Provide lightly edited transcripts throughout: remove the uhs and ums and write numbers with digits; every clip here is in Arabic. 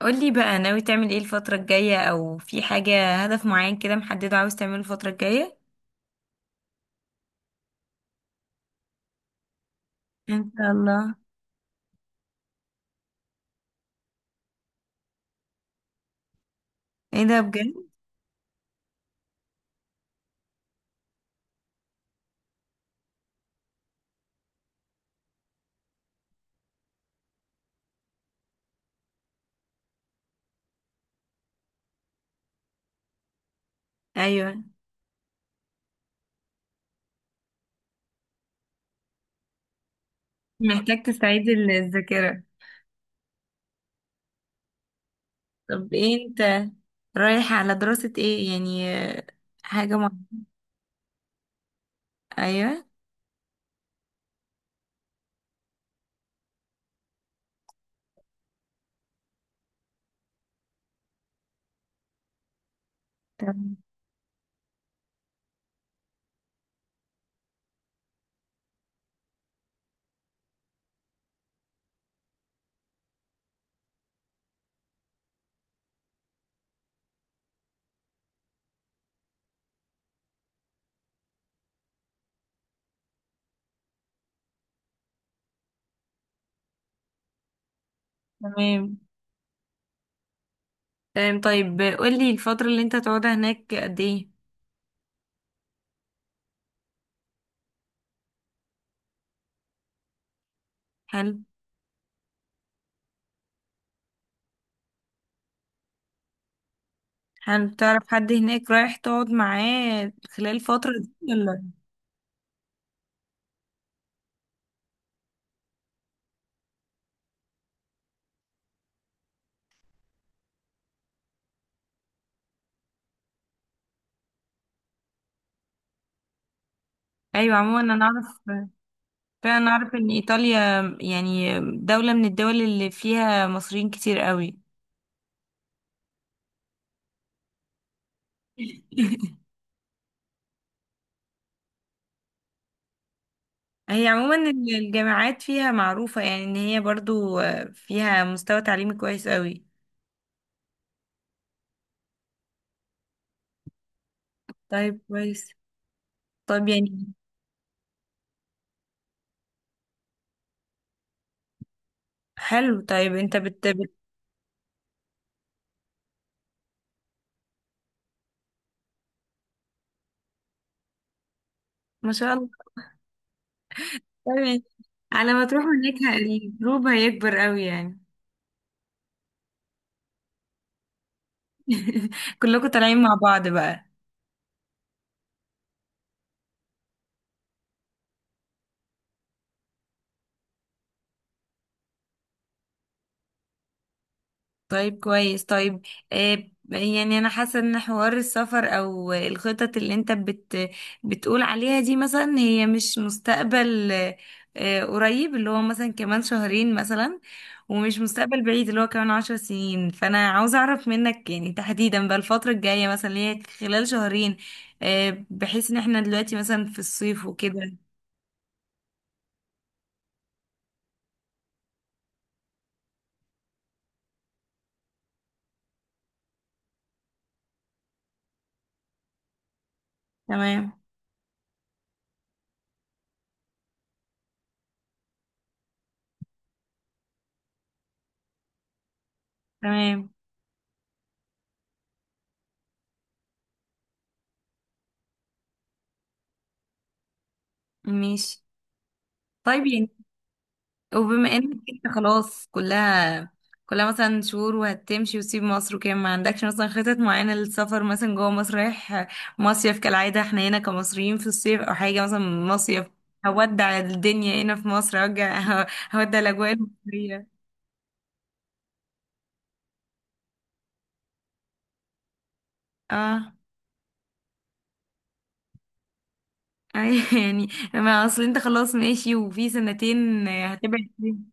قولي بقى، ناوي تعمل ايه الفترة الجاية؟ او في حاجة هدف معين كده محدد عاوز تعمله الفترة الجاية؟ ان شاء الله. ايه ده، بجد؟ ايوه. محتاج تستعيد الذاكرة. طب ايه انت رايح على دراسة ايه يعني؟ حاجة معينة؟ ايوه. تمام. تمام تمام. طيب قولي، الفترة اللي انت هتقعدها هناك قد ايه؟ حلو. حلو، تعرف حد هناك رايح تقعد معاه خلال الفترة دي ولا؟ ايوه، عموما انا اعرف. فأنا أعرف إن إيطاليا يعني دولة من الدول اللي فيها مصريين كتير قوي. هي عموما الجامعات فيها معروفة، يعني إن هي برضو فيها مستوى تعليمي كويس قوي. طيب، كويس. طب يعني. حلو. طيب أنت ما شاء الله. طيب يعني على ما تروح هناك الجروب هيكبر قوي يعني. كلكم طالعين مع بعض بقى. طيب كويس. طيب، آه، يعني انا حاسه ان حوار السفر او الخطط اللي انت بتقول عليها دي، مثلا هي مش مستقبل آه، قريب، اللي هو مثلا كمان شهرين مثلا. ومش مستقبل بعيد اللي هو كمان 10 سنين، فانا عاوزه اعرف منك يعني، تحديدا بقى، الفتره الجايه مثلا اللي هي خلال شهرين. آه، بحيث ان احنا دلوقتي مثلا في الصيف وكده. تمام. تمام. ماشي. طيب يعني، وبما انك انت خلاص كلها مثلا شهور وهتمشي وتسيب مصر وكده، ما عندكش مثلا خطط معينة للسفر مثلا جوه مصر؟ رايح مصيف كالعادة احنا هنا كمصريين في الصيف، او حاجة مثلا؟ مصيف، هودع الدنيا هنا في مصر. هرجع، هودع الاجواء المصرية. اه، أي يعني، ما اصل انت خلاص ماشي وفي سنتين هتبعد فيه.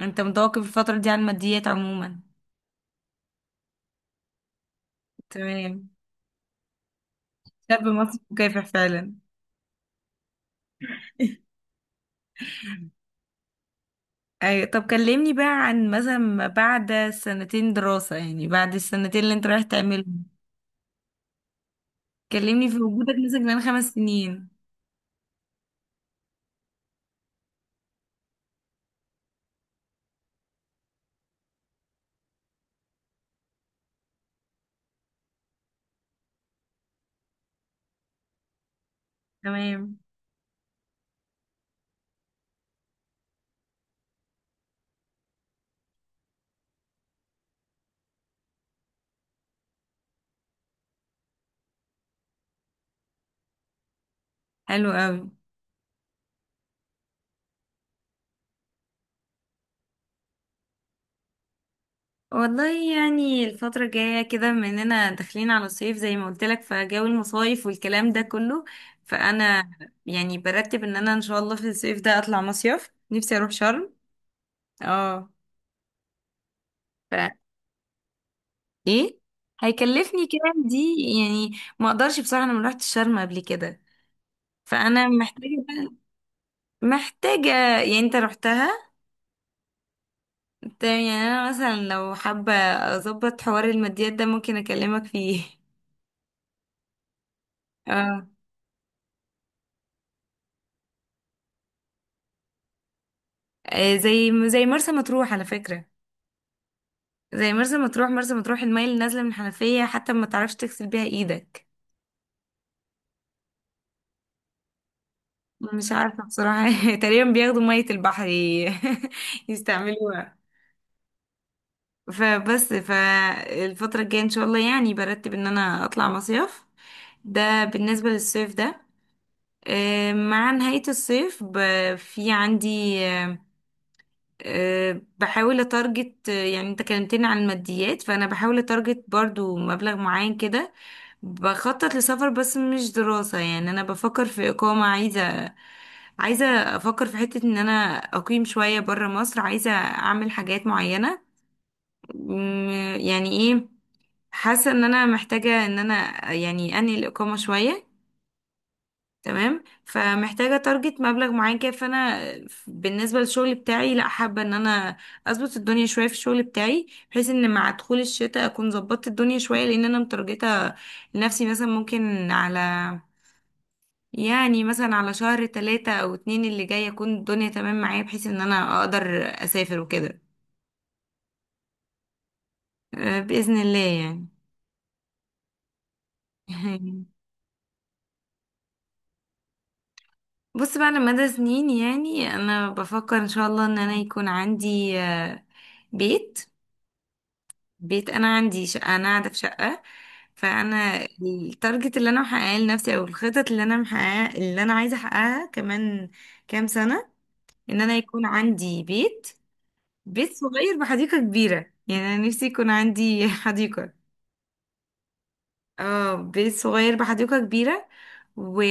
انت متوقف الفترة دي عن الماديات عموما؟ تمام. شاب مصري مكافح فعلا. أي. طب كلمني بقى عن مثلا ما بعد سنتين دراسة، يعني بعد السنتين اللي انت رايح تعملهم. كلمني في وجودك مثلا كمان 5 سنين. تمام. حلو قوي. والله، يعني الفترة الجاية كده بما اننا داخلين على الصيف زي ما قلت لك، فجو المصايف والكلام ده كله، فأنا يعني برتب ان انا ان شاء الله في الصيف ده اطلع مصيف، نفسي اروح شرم. اه. ف، ايه هيكلفني كام دي؟ يعني ما اقدرش بصراحة، انا ما رحتش شرم قبل كده، فانا محتاجه، محتاجة يعني. انت رحتها؟ تمام، يعني انا مثلا لو حابة اظبط حوار الماديات ده ممكن اكلمك فيه. اه، زي مرسى مطروح على فكرة. زي مرسى مطروح، المية اللي نازلة من الحنفية حتى ما تعرفش تغسل بيها ايدك. مش عارفة بصراحة. تقريبا بياخدوا مية البحر يستعملوها. فبس، فالفترة الجاية ان شاء الله يعني برتب ان انا اطلع مصيف. ده بالنسبة للصيف ده. مع نهاية الصيف في عندي بحاول اتارجت، يعني انت كلمتني عن الماديات فانا بحاول اتارجت برضو مبلغ معين كده. بخطط لسفر بس مش دراسة، يعني انا بفكر في اقامة، عايزة عايزة افكر في حتة ان انا اقيم شوية برا مصر، عايزة اعمل حاجات معينة. مم، يعني ايه، حاسة ان انا محتاجة ان انا يعني انهي الاقامة شوية. تمام. فمحتاجة تارجت مبلغ معين كده. فأنا بالنسبة للشغل بتاعي، لا، حابة إن أنا أظبط الدنيا شوية في الشغل بتاعي بحيث إن مع دخول الشتاء أكون ظبطت الدنيا شوية، لأن أنا مترجتة لنفسي مثلا ممكن على، يعني مثلا على شهر 3 أو 2 اللي جاي أكون الدنيا تمام معايا، بحيث إن أنا أقدر أسافر وكده. أه، بإذن الله يعني. بص بقى، أنا مدى سنين يعني أنا بفكر إن شاء الله إن أنا يكون عندي بيت. بيت، انا عندي شقه، انا قاعده في شقه، فانا التارجت اللي انا محققاه لنفسي او الخطط اللي انا محققاه اللي انا عايزه احققها كمان كام سنه، ان انا يكون عندي بيت، بيت صغير بحديقه كبيره. يعني انا نفسي يكون عندي حديقه. اه، بيت صغير بحديقة كبيرة. و...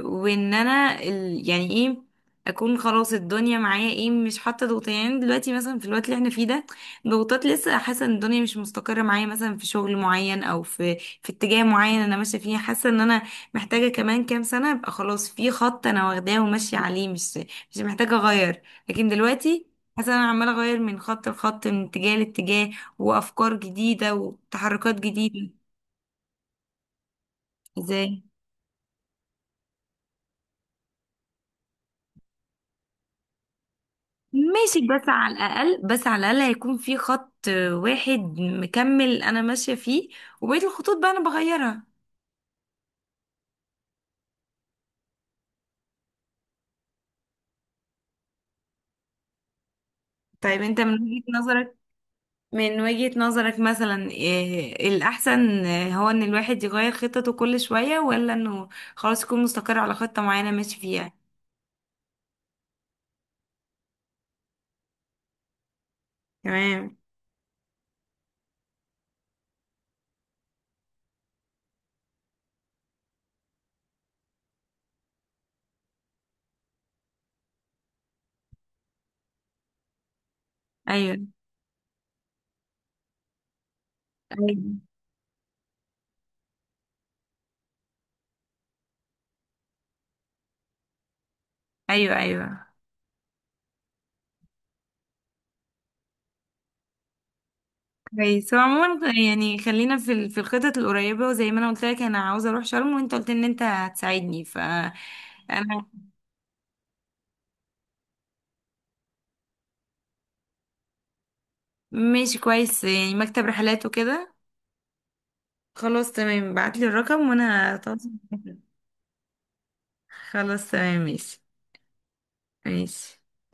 وان انا يعني ايه، اكون خلاص الدنيا معايا ايه مش حاطه ضغوط. يعني دلوقتي مثلا في الوقت اللي احنا فيه ده ضغوطات، لسه حاسه ان الدنيا مش مستقره معايا، مثلا في شغل معين او في اتجاه معين انا ماشيه فيه. حاسه ان انا محتاجه كمان كام سنه ابقى خلاص في خط انا واخداه وماشيه عليه، مش محتاجه اغير. لكن دلوقتي حاسه ان انا عماله اغير من خط لخط من اتجاه لاتجاه، وافكار جديده وتحركات جديده. ازاي؟ ماشي، بس على الأقل، هيكون في خط واحد مكمل أنا ماشية فيه، وبقية الخطوط بقى أنا بغيرها. طيب أنت من وجهة نظرك، مثلا، إيه الأحسن، إيه هو، إن الواحد يغير خطته كل شوية، ولا إنه خلاص يكون مستقر على خطة معينة ماشي فيها؟ تمام. أيوه أيوه. أيوه أيوه. كويس. هو عموما يعني خلينا في في الخطط القريبة، وزي ما أنا قلت لك أنا عاوزة أروح شرم وأنت قلت إن أنت هتساعدني، ف. ماشي، كويس. يعني مكتب رحلات وكده. خلاص تمام، بعتلي الرقم وانا هتواصل معاك. خلاص تمام. ماشي. ماشي.